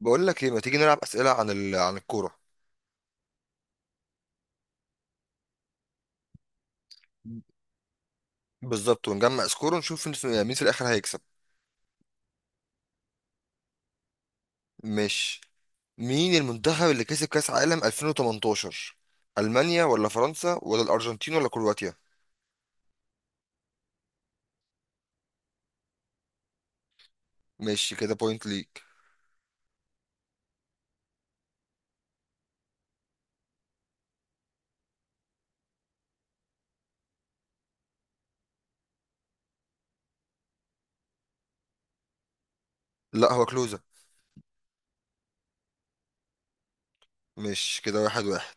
بقول لك ايه، ما تيجي نلعب اسئله عن عن الكوره. بالظبط، ونجمع سكور ونشوف مين في الاخر هيكسب. مش مين المنتخب اللي كسب كاس عالم 2018؟ المانيا ولا فرنسا ولا الارجنتين ولا كرواتيا؟ ماشي، كده بوينت ليك. لا، هو كلوزة. مش كده، واحد واحد.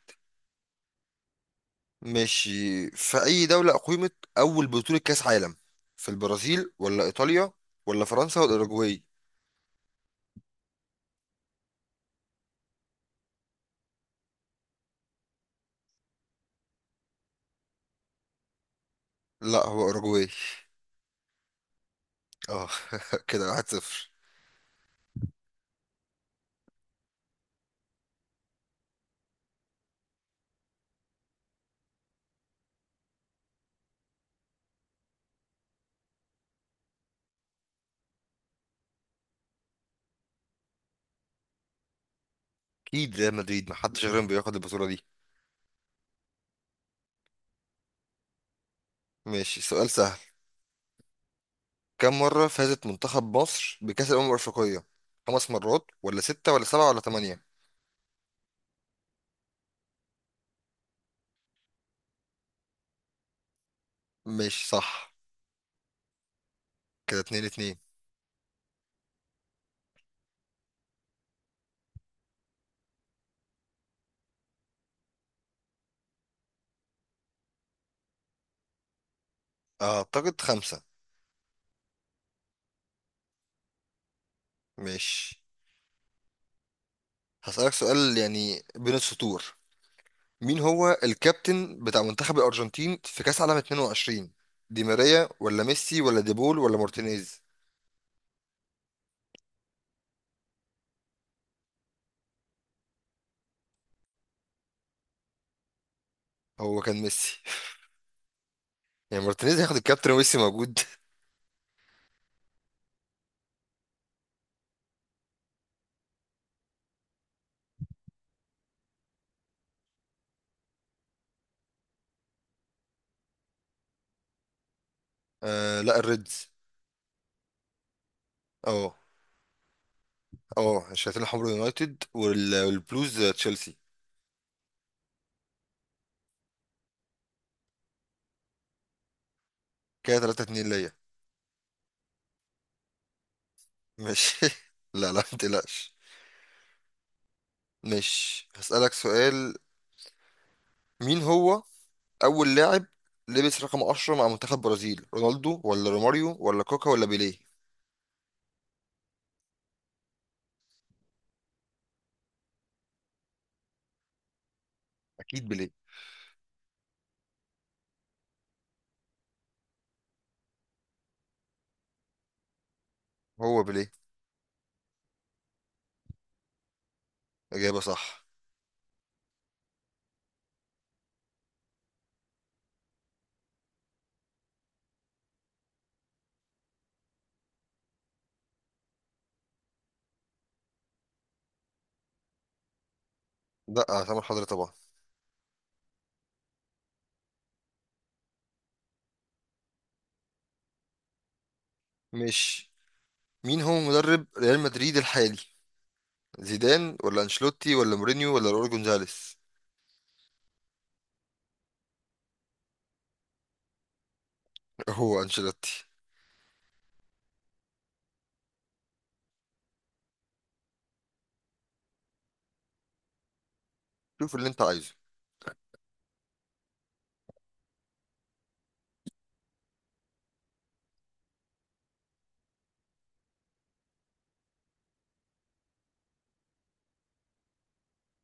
ماشي، في اي دوله اقيمت اول بطوله كاس عالم؟ في البرازيل ولا ايطاليا ولا فرنسا ولا اوروجواي؟ لا، هو اوروجواي. اه، كده واحد صفر. اكيد ريال مدريد، محدش غيرهم بياخد البطوله. ماشي، سؤال سهل. كم مرة فازت منتخب مصر بكأس الأمم الأفريقية؟ خمس مرات ولا ستة ولا سبعة ولا تمانية؟ ماشي صح، كده اتنين اتنين. أعتقد خمسة. ماشي، هسألك سؤال يعني بين السطور. مين هو الكابتن بتاع منتخب الأرجنتين في كأس عالم 22؟ دي ماريا ولا ميسي ولا ديبول ولا مارتينيز؟ هو كان ميسي. يعني مارتينيز هياخد الكابتن وميسي موجود؟ آه لا، الريدز. اه، اه الشياطين الحمر يونايتد والبلوز تشيلسي. كده 3 2 ليا. ماشي، لا لا ما تقلقش. ماشي، هسألك سؤال. مين هو أول لاعب لبس رقم 10 مع منتخب برازيل؟ رونالدو ولا روماريو ولا كوكا ولا بيليه؟ أكيد بيليه. هو بيليه، إجابة صح. لا، سامح حضرتك طبعا. ماشي، مين هو مدرب ريال مدريد الحالي؟ زيدان ولا أنشيلوتي ولا مورينيو ولا راؤول جونزاليس؟ هو أنشيلوتي. شوف اللي أنت عايزه.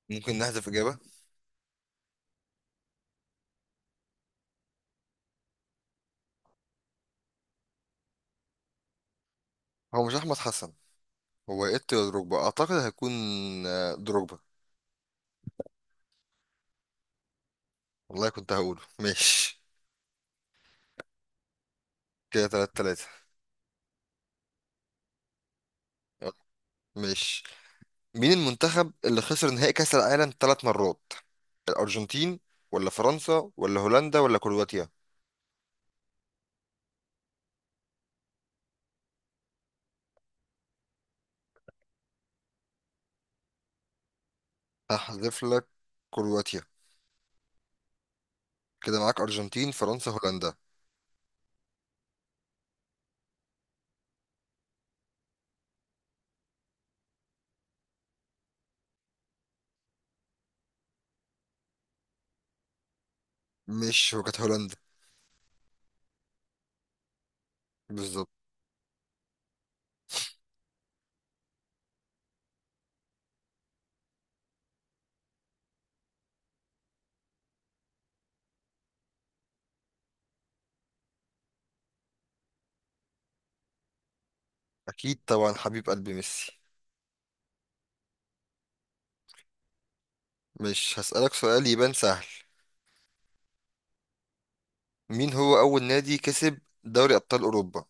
ممكن نحذف إجابة. هو مش أحمد حسن، هو إيه، دروجبا أعتقد هيكون. آه، دروجبا. والله كنت هقوله. ماشي، كده تلات تلاتة. ماشي، مين المنتخب اللي خسر نهائي كأس العالم تلات مرات؟ الأرجنتين ولا فرنسا ولا هولندا ولا كرواتيا؟ هحذف لك كرواتيا، كده معاك أرجنتين فرنسا هولندا. مش هو كانت هولندا. بالظبط. أكيد طبعا، حبيب قلبي ميسي. مش هسألك سؤال يبان سهل. مين هو أول نادي كسب دوري أبطال أوروبا؟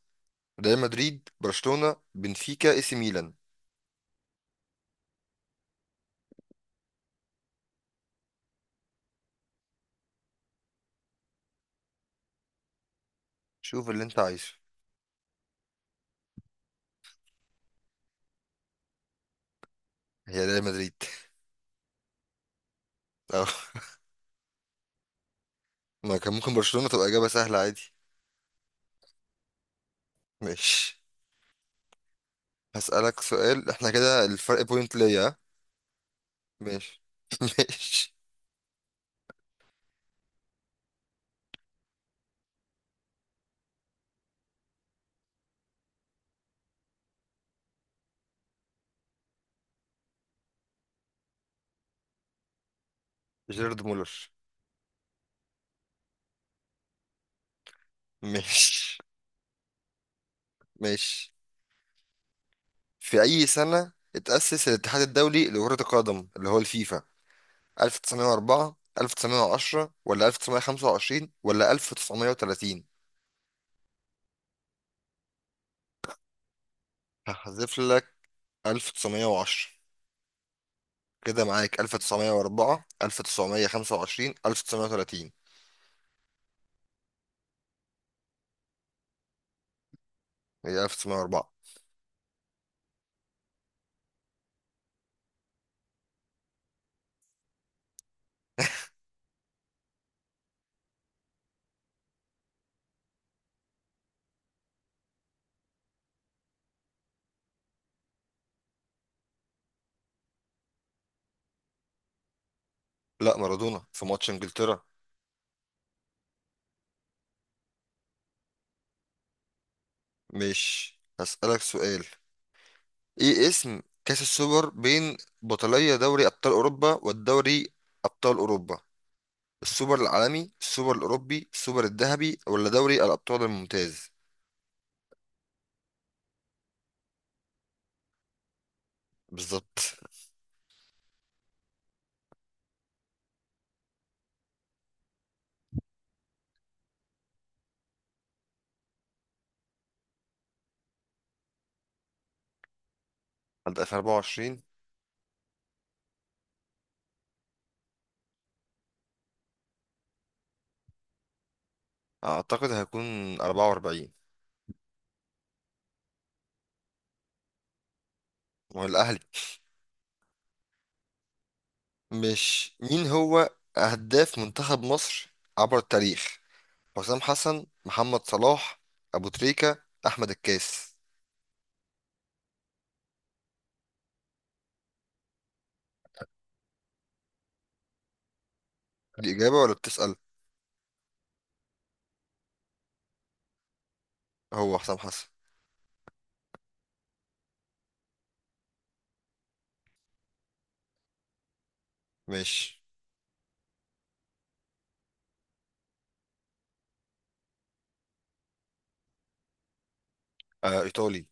ريال مدريد، برشلونة، بنفيكا، إي سي ميلان؟ شوف اللي أنت عايزه. هي ريال مدريد. ما كان ممكن برشلونة تبقى إجابة سهلة عادي. ماشي، هسألك سؤال. احنا كده الفرق بوينت ليا، ها؟ ماشي، ماشي. جيرارد مولر. ماشي، ماشي. في أي سنة اتأسس الاتحاد الدولي لكرة القدم اللي هو الفيفا؟ 1904، 1910 ولا 1925 ولا 1930؟ هحذف لك 1910، كده معاك 1904 1925 1930. هي 1904. لا، مارادونا في ماتش انجلترا. مش هسألك سؤال. ايه اسم كأس السوبر بين بطلية دوري أبطال أوروبا والدوري أبطال أوروبا؟ السوبر العالمي، السوبر الأوروبي، السوبر الذهبي ولا دوري الأبطال الممتاز؟ بالظبط. هبدأ في 24. أعتقد هيكون 44. والأهلي. مش مين هو هداف منتخب مصر عبر التاريخ؟ حسام حسن، محمد صلاح، أبو تريكة، أحمد الكاس؟ دي إجابة ولا بتسأل؟ هو حسام حسن. ماشي. آه، ايطالي.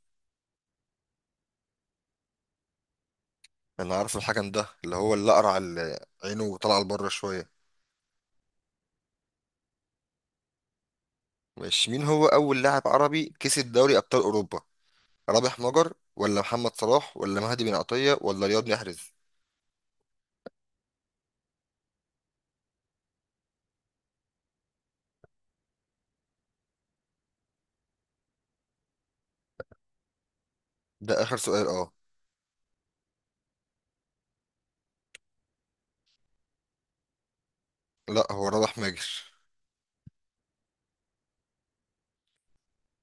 انا عارف الحكم ده اللي هو الاقرع، اللي اقرع عينه طالعه لبره شويه. ماشي، مين هو اول لاعب عربي كسب دوري ابطال اوروبا؟ رابح مجر ولا محمد صلاح ولا مهدي بن عطيه ولا رياض محرز؟ ده اخر سؤال، اه. لا، هو رابح ماجر.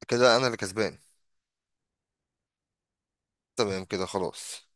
كده انا اللي كسبان. تمام، كده خلاص.